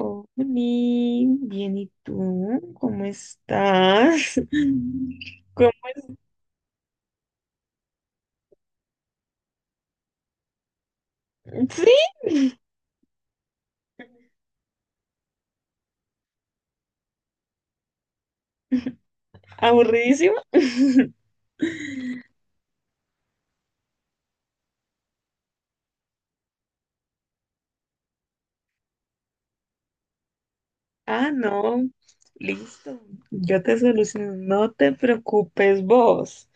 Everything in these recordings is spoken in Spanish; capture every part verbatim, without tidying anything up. Oli, bien, ¿y tú? ¿Cómo estás? ¿Cómo- ¿Sí? ¿Aburridísima? Ah, no. Listo. Yo te soluciono. No te preocupes vos.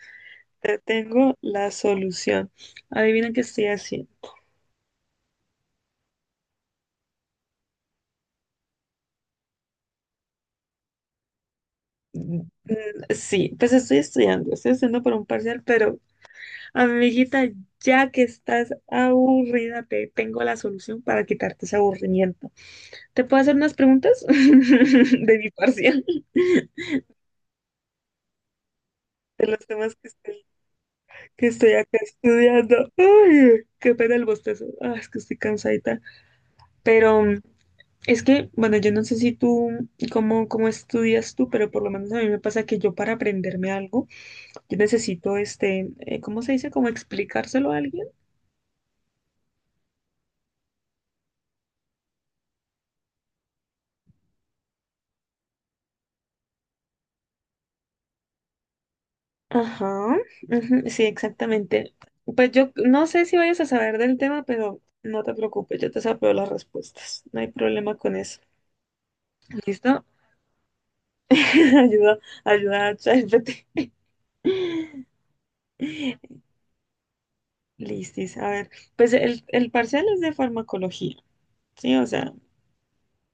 Te tengo la solución. Adivina qué estoy haciendo. Mm, sí, pues estoy estudiando. Estoy estudiando por un parcial, pero amiguita, ya que estás aburrida, te tengo la solución para quitarte ese aburrimiento. ¿Te puedo hacer unas preguntas de mi parcial? De los temas que estoy, que estoy acá estudiando. Ay, qué pena el bostezo. Ah, es que estoy cansadita. Pero mm, es que, bueno, yo no sé si tú, cómo, cómo estudias tú, pero por lo menos a mí me pasa que yo para aprenderme algo, yo necesito, este, eh, ¿cómo se dice? Como explicárselo a alguien. Ajá, ujú, sí, exactamente. Pues yo no sé si vayas a saber del tema, pero no te preocupes, yo te sapeo las respuestas. No hay problema con eso. ¿Listo? Ayuda, ayuda a ChatGPT. Listis, a ver. Pues el, el parcial es de farmacología, ¿sí? O sea,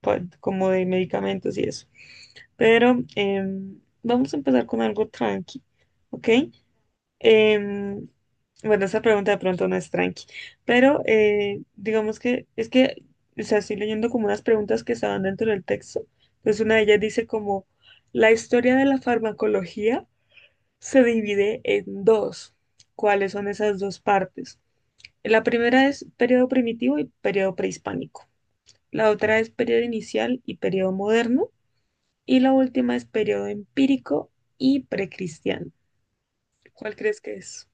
pa- como de medicamentos y eso. Pero em, vamos a empezar con algo tranqui, ¿ok? Em, bueno, esa pregunta de pronto no es tranqui, pero eh, digamos que es que, o sea, estoy leyendo como unas preguntas que estaban dentro del texto. Entonces una de ellas dice como, la historia de la farmacología se divide en dos. ¿Cuáles son esas dos partes? La primera es periodo primitivo y periodo prehispánico. La otra es periodo inicial y periodo moderno. Y la última es periodo empírico y precristiano. ¿Cuál crees que es?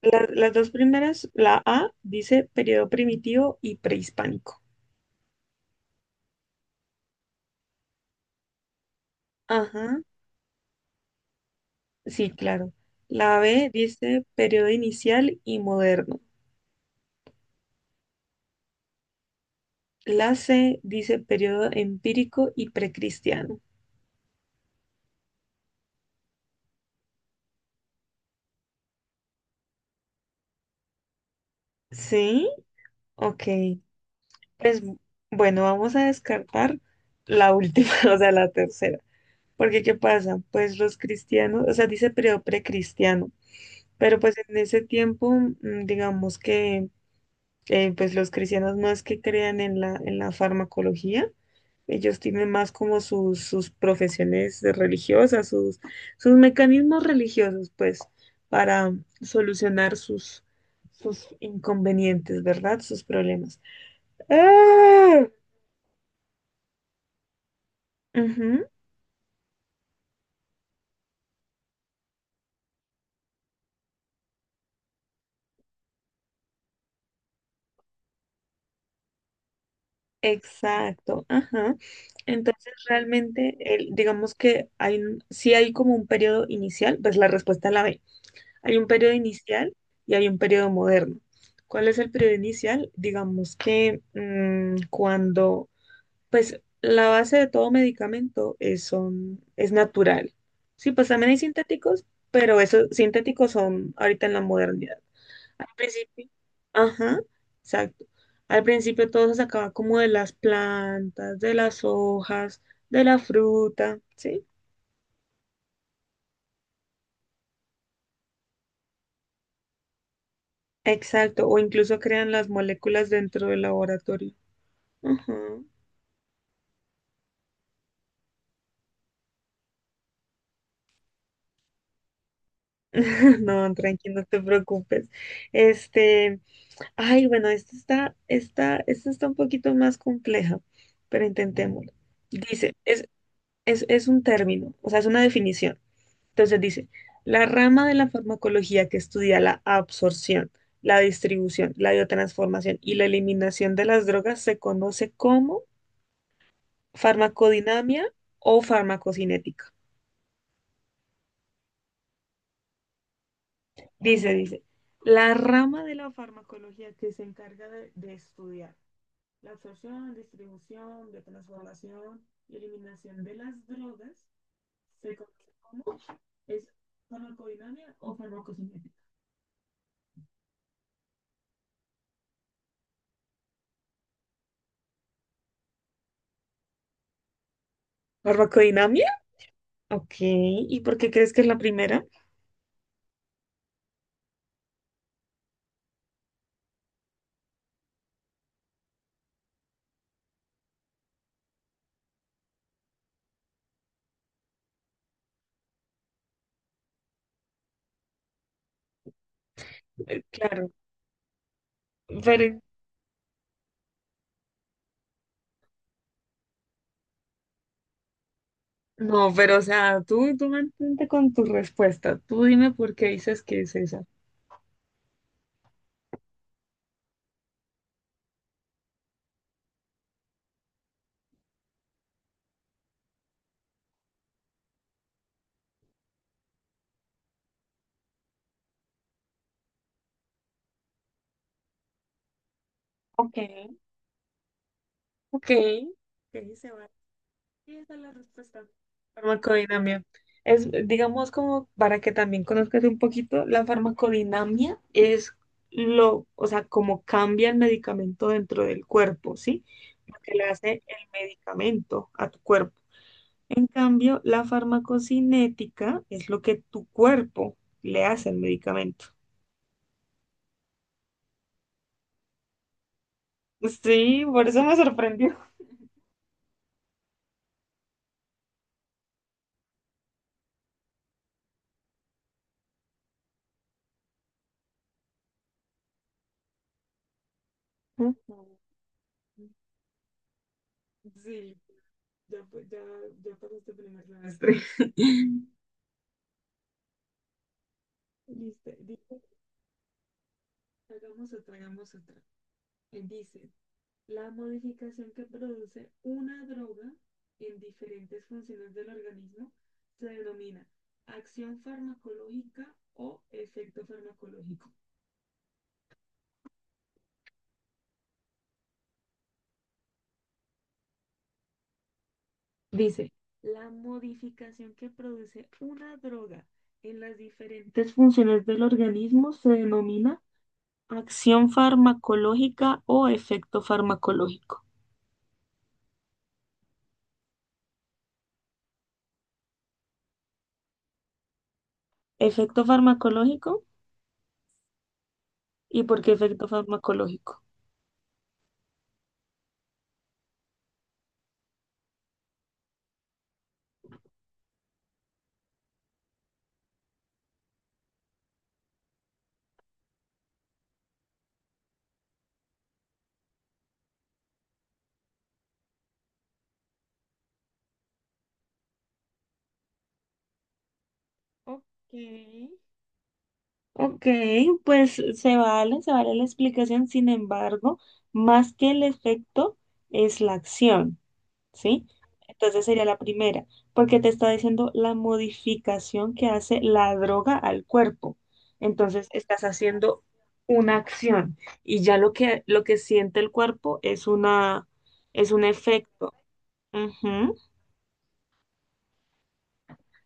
La- las dos primeras, la A dice periodo primitivo y prehispánico. Ajá, sí, claro. La B dice periodo inicial y moderno. La C dice periodo empírico y precristiano. ¿Sí? Ok, pues bueno, vamos a descartar la última, o sea, la tercera. Porque ¿qué pasa? Pues los cristianos, o sea, dice periodo precristiano, pero pues en ese tiempo, mm, digamos que eh, pues los cristianos no es que crean en la, en la farmacología, ellos tienen más como sus, sus profesiones religiosas, sus, sus mecanismos religiosos, pues, para solucionar sus, sus inconvenientes, ¿verdad? Sus problemas. ¡Ah! Ujú, exacto, ajá. Entonces realmente, el, digamos que hay, un- sí hay como un periodo inicial, pues la respuesta la B. Hay un periodo inicial y hay un periodo moderno. ¿Cuál es el periodo inicial? Digamos que mm, cuando, pues la base de todo medicamento es, son, es natural. Sí, pues también hay sintéticos, pero esos sintéticos son ahorita en la modernidad. Al principio, ajá, exacto. Al principio todo se sacaba como de las plantas, de las hojas, de la fruta, ¿sí? Exacto, o incluso crean las moléculas dentro del laboratorio. Ajá. No, tranqui, no te preocupes. Este, ay, bueno, esta está, esta, esta está un poquito más compleja, pero intentémoslo. Dice, es, es, es un término, o sea, es una definición. Entonces dice, la rama de la farmacología que estudia la absorción, la distribución, la biotransformación y la eliminación de las drogas se conoce como farmacodinamia o farmacocinética. Dice, dice, la rama de la farmacología que se encarga de, de estudiar la absorción, distribución, biotransformación y eliminación de las drogas se conoce como es farmacodinamia o farmacocinética. ¿Farmacodinamia? Ok, ¿y por qué crees que es la primera? Eh, Claro, pero no, pero o sea, tú, tú mantente con tu respuesta. Tú dime por qué dices que es esa. Ok, ok, ok, se vale. Sí, esa es la respuesta. Farmacodinamia. Es, digamos, como para que también conozcas un poquito, la farmacodinamia es lo, o sea, cómo cambia el medicamento dentro del cuerpo, ¿sí? Lo que le hace el medicamento a tu cuerpo. En cambio, la farmacocinética es lo que tu cuerpo le hace al medicamento. Sí, por eso me sorprendió. Ujú. Sí, ya, ya, ya pasaste primer semestre. Listo. Hagamos otra, hagamos otra. Eh, Dice, la modificación que produce una droga en diferentes funciones del organismo se denomina acción farmacológica o efecto farmacológico. Dice, la modificación que produce una droga en las diferentes funciones del organismo se denomina acción farmacológica o efecto farmacológico. Efecto farmacológico, ¿y por qué efecto farmacológico? Ok, ok, pues se vale, se vale la explicación, sin embargo, más que el efecto es la acción, ¿sí? Entonces sería la primera, porque te está diciendo la modificación que hace la droga al cuerpo. Entonces estás haciendo una acción y ya lo que, lo que siente el cuerpo es una, es un efecto. Ujú,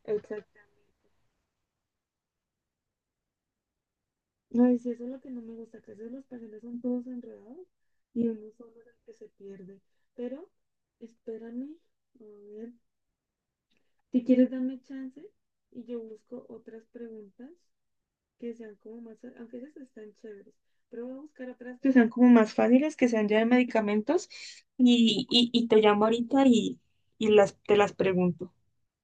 exactamente. Ay, sí, eso es lo que no me gusta, que a veces los papeles son todos enredados y uno solo es el que se pierde. Pero espérame, a ver, si quieres dame chance y yo busco otras preguntas que sean como más, aunque esas están chéveres, pero voy a buscar otras que sean como más fáciles, que sean ya de medicamentos y, y, y te llamo ahorita y, y las, te las pregunto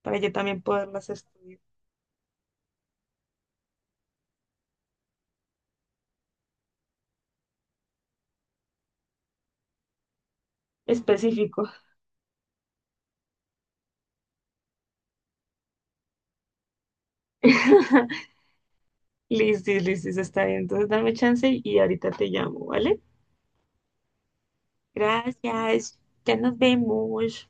para yo también poderlas estudiar. Específico. Listis, listis, está bien. Entonces dame chance y ahorita te llamo, ¿vale? Gracias, ya nos vemos.